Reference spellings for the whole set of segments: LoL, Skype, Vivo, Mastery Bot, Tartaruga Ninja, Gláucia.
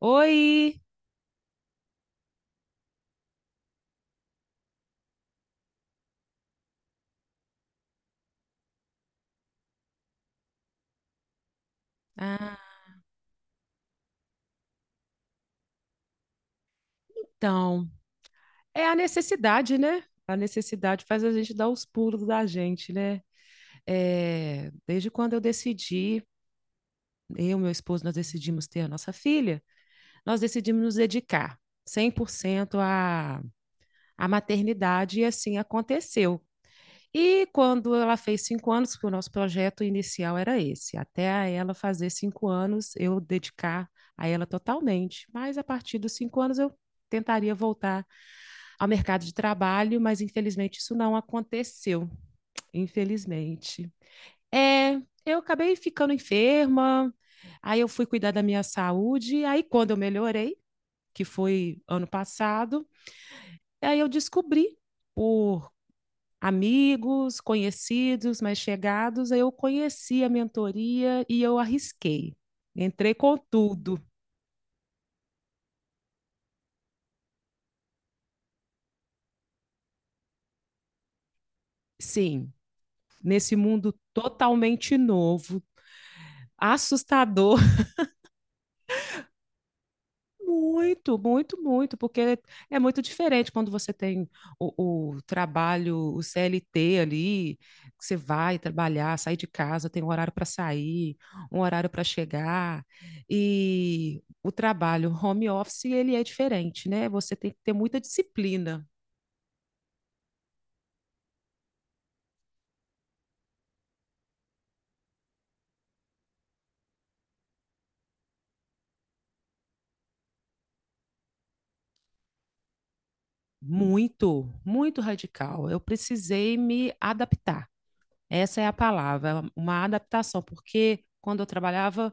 Oi! Ah, então, é a necessidade, né? A necessidade faz a gente dar os pulos da gente, né? É, desde quando eu decidi, eu e meu esposo, nós decidimos ter a nossa filha, nós decidimos nos dedicar 100% à maternidade e assim aconteceu. E quando ela fez 5 anos, porque o nosso projeto inicial era esse, até a ela fazer 5 anos, eu dedicar a ela totalmente. Mas a partir dos 5 anos, eu tentaria voltar ao mercado de trabalho, mas infelizmente isso não aconteceu. Infelizmente. É, eu acabei ficando enferma, aí eu fui cuidar da minha saúde, aí quando eu melhorei, que foi ano passado, aí eu descobri por amigos, conhecidos, mais chegados, aí eu conheci a mentoria e eu arrisquei. Entrei com tudo, sim, nesse mundo totalmente novo, assustador. Muito, muito, muito, porque é muito diferente quando você tem o trabalho, o CLT ali, que você vai trabalhar, sair de casa, tem um horário para sair, um horário para chegar, e o trabalho home office, ele é diferente, né? Você tem que ter muita disciplina, muito, muito radical. Eu precisei me adaptar. Essa é a palavra, uma adaptação, porque quando eu trabalhava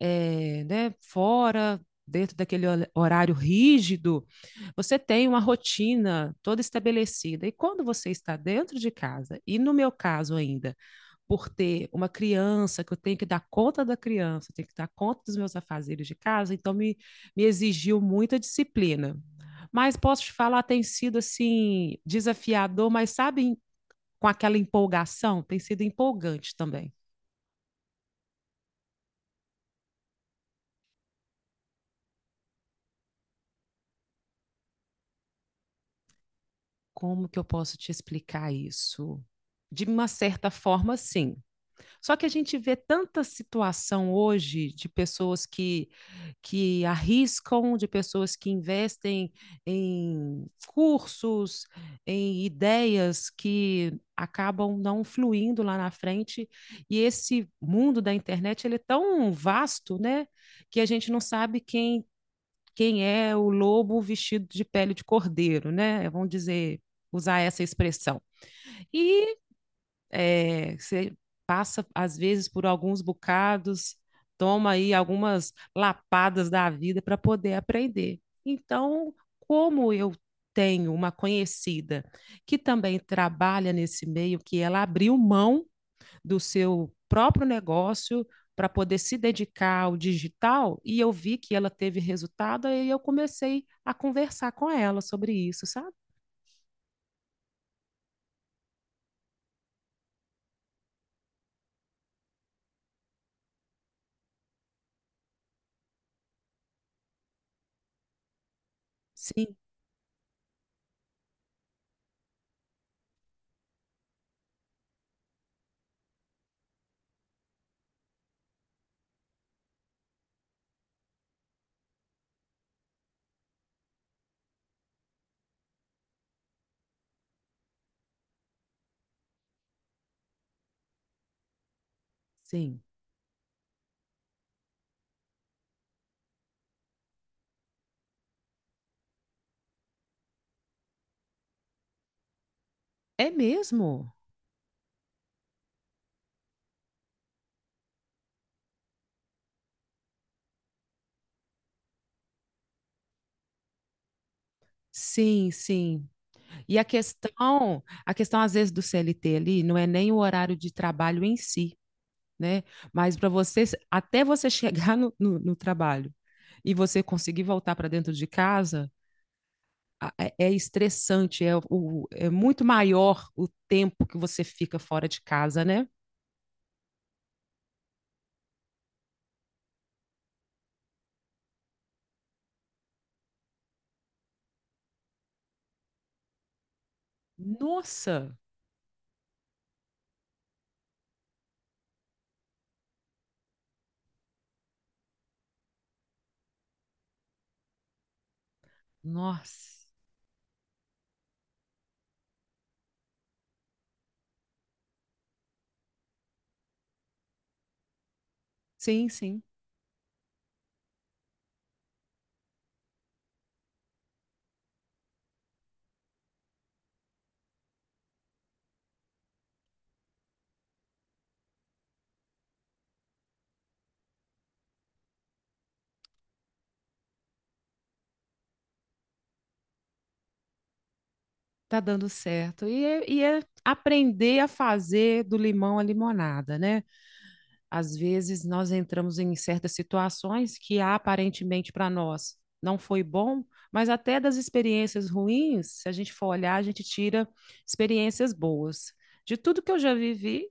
né, fora, dentro daquele horário rígido, você tem uma rotina toda estabelecida. E quando você está dentro de casa, e no meu caso ainda, por ter uma criança, que eu tenho que dar conta da criança, tenho que dar conta dos meus afazeres de casa, então me exigiu muita disciplina. Mas posso te falar, tem sido assim desafiador, mas sabe, com aquela empolgação, tem sido empolgante também. Como que eu posso te explicar isso? De uma certa forma, sim. Só que a gente vê tanta situação hoje de pessoas que arriscam, de pessoas que investem em cursos, em ideias que acabam não fluindo lá na frente. E esse mundo da internet ele é tão vasto, né, que a gente não sabe quem é o lobo vestido de pele de cordeiro, né? Vamos dizer, usar essa expressão. E é, você passa, às vezes, por alguns bocados, toma aí algumas lapadas da vida para poder aprender. Então, como eu tenho uma conhecida que também trabalha nesse meio, que ela abriu mão do seu próprio negócio para poder se dedicar ao digital e eu vi que ela teve resultado e eu comecei a conversar com ela sobre isso, sabe? Sim, sim. É mesmo? Sim, sim. E a questão às vezes do CLT ali não é nem o horário de trabalho em si, né? Mas para você, até você chegar no trabalho e você conseguir voltar para dentro de casa, é, é estressante, é, o, é muito maior o tempo que você fica fora de casa, né? Nossa, nossa. Sim, sim, tá dando certo. E é aprender a fazer do limão a limonada, né? Às vezes nós entramos em certas situações que aparentemente para nós não foi bom, mas até das experiências ruins, se a gente for olhar, a gente tira experiências boas. De tudo que eu já vivi,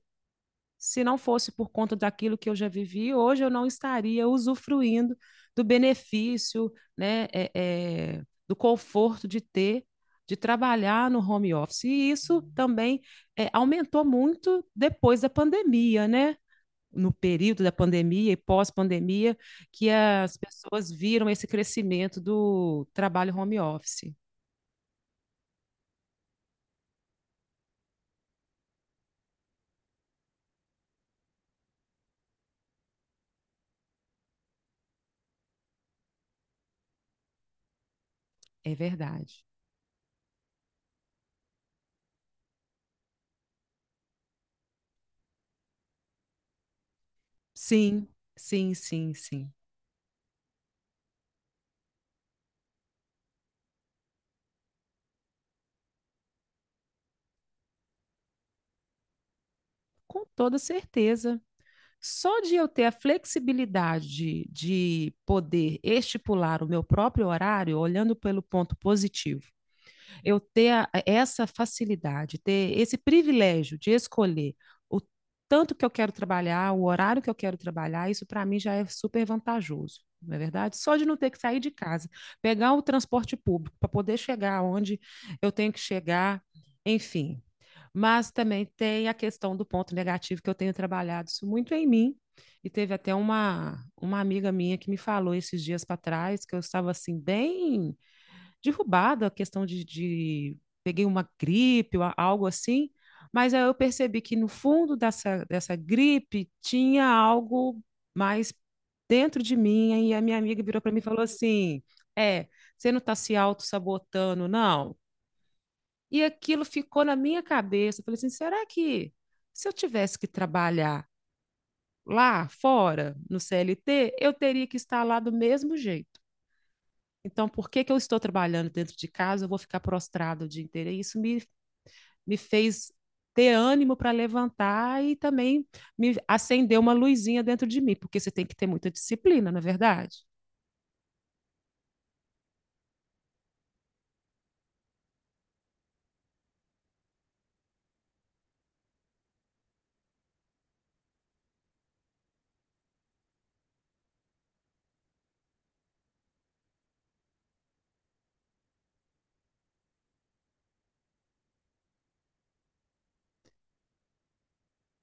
se não fosse por conta daquilo que eu já vivi, hoje eu não estaria usufruindo do benefício, né, é, é, do conforto de ter, de trabalhar no home office. E isso também é, aumentou muito depois da pandemia, né? No período da pandemia e pós-pandemia que as pessoas viram esse crescimento do trabalho home office. É verdade. Sim, sim, sim, sim. Com toda certeza. Só de eu ter a flexibilidade de poder estipular o meu próprio horário, olhando pelo ponto positivo, eu ter essa facilidade, ter esse privilégio de escolher o tanto que eu quero trabalhar, o horário que eu quero trabalhar, isso para mim já é super vantajoso. Não é verdade? Só de não ter que sair de casa, pegar o transporte público para poder chegar onde eu tenho que chegar, enfim, mas também tem a questão do ponto negativo que eu tenho trabalhado isso muito em mim. E teve até uma amiga minha que me falou esses dias para trás que eu estava assim, bem derrubada, a questão de peguei uma gripe, ou algo assim. Mas aí eu percebi que no fundo dessa gripe tinha algo mais dentro de mim. E a minha amiga virou para mim e falou assim: é, você não está se auto-sabotando, não? E aquilo ficou na minha cabeça. Eu falei assim: será que se eu tivesse que trabalhar lá fora, no CLT, eu teria que estar lá do mesmo jeito? Então, por que que eu estou trabalhando dentro de casa? Eu vou ficar prostrado o dia inteiro. E isso me fez ter ânimo para levantar e também me acendeu uma luzinha dentro de mim, porque você tem que ter muita disciplina, não é verdade?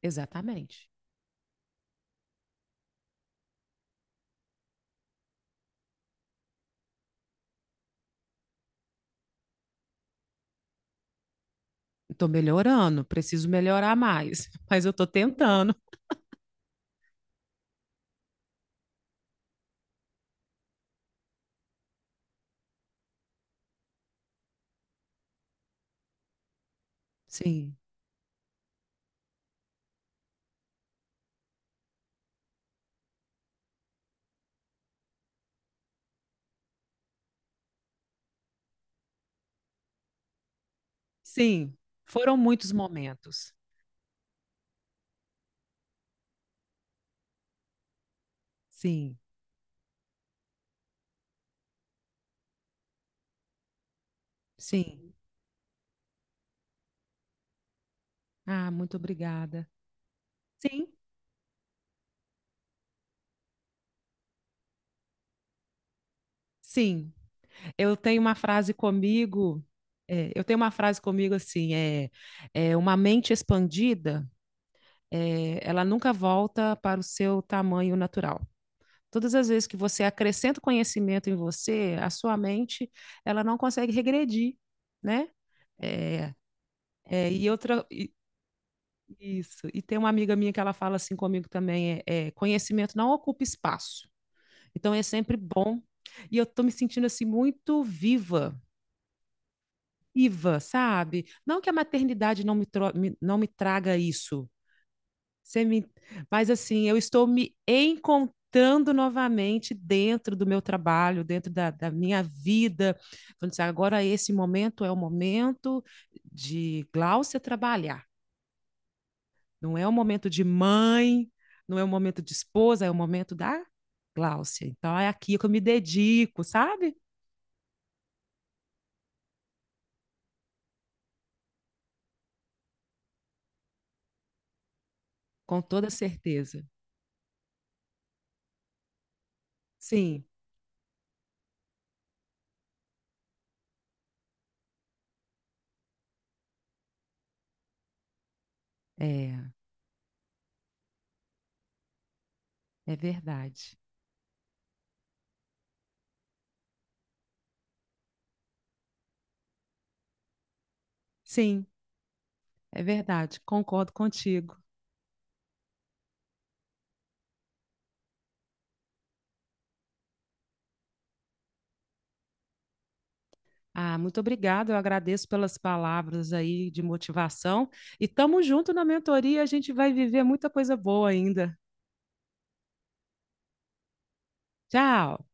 Exatamente. Estou melhorando, preciso melhorar mais, mas eu estou tentando. Sim. Sim, foram muitos momentos. Sim, sim. Ah, muito obrigada. Sim, sim. Eu tenho uma frase comigo, é, eu tenho uma frase comigo assim, é, é uma mente expandida, é, ela nunca volta para o seu tamanho natural. Todas as vezes que você acrescenta conhecimento em você, a sua mente, ela não consegue regredir, né? É, é, e outra, isso. E tem uma amiga minha que ela fala assim comigo também, é, é, conhecimento não ocupa espaço. Então é sempre bom. E eu tô me sentindo assim muito viva, viva, sabe? Não que a maternidade não me, não me traga isso. Você me... Mas assim, eu estou me encontrando novamente dentro do meu trabalho, dentro da minha vida. Falando assim, agora esse momento é o momento de Gláucia trabalhar. Não é o momento de mãe, não é o momento de esposa, é o momento da Gláucia. Então é aqui que eu me dedico, sabe? Com toda certeza. Sim, é, é verdade. Sim, é verdade. Concordo contigo. Ah, muito obrigada. Eu agradeço pelas palavras aí de motivação. E tamo junto na mentoria, a gente vai viver muita coisa boa ainda. Tchau.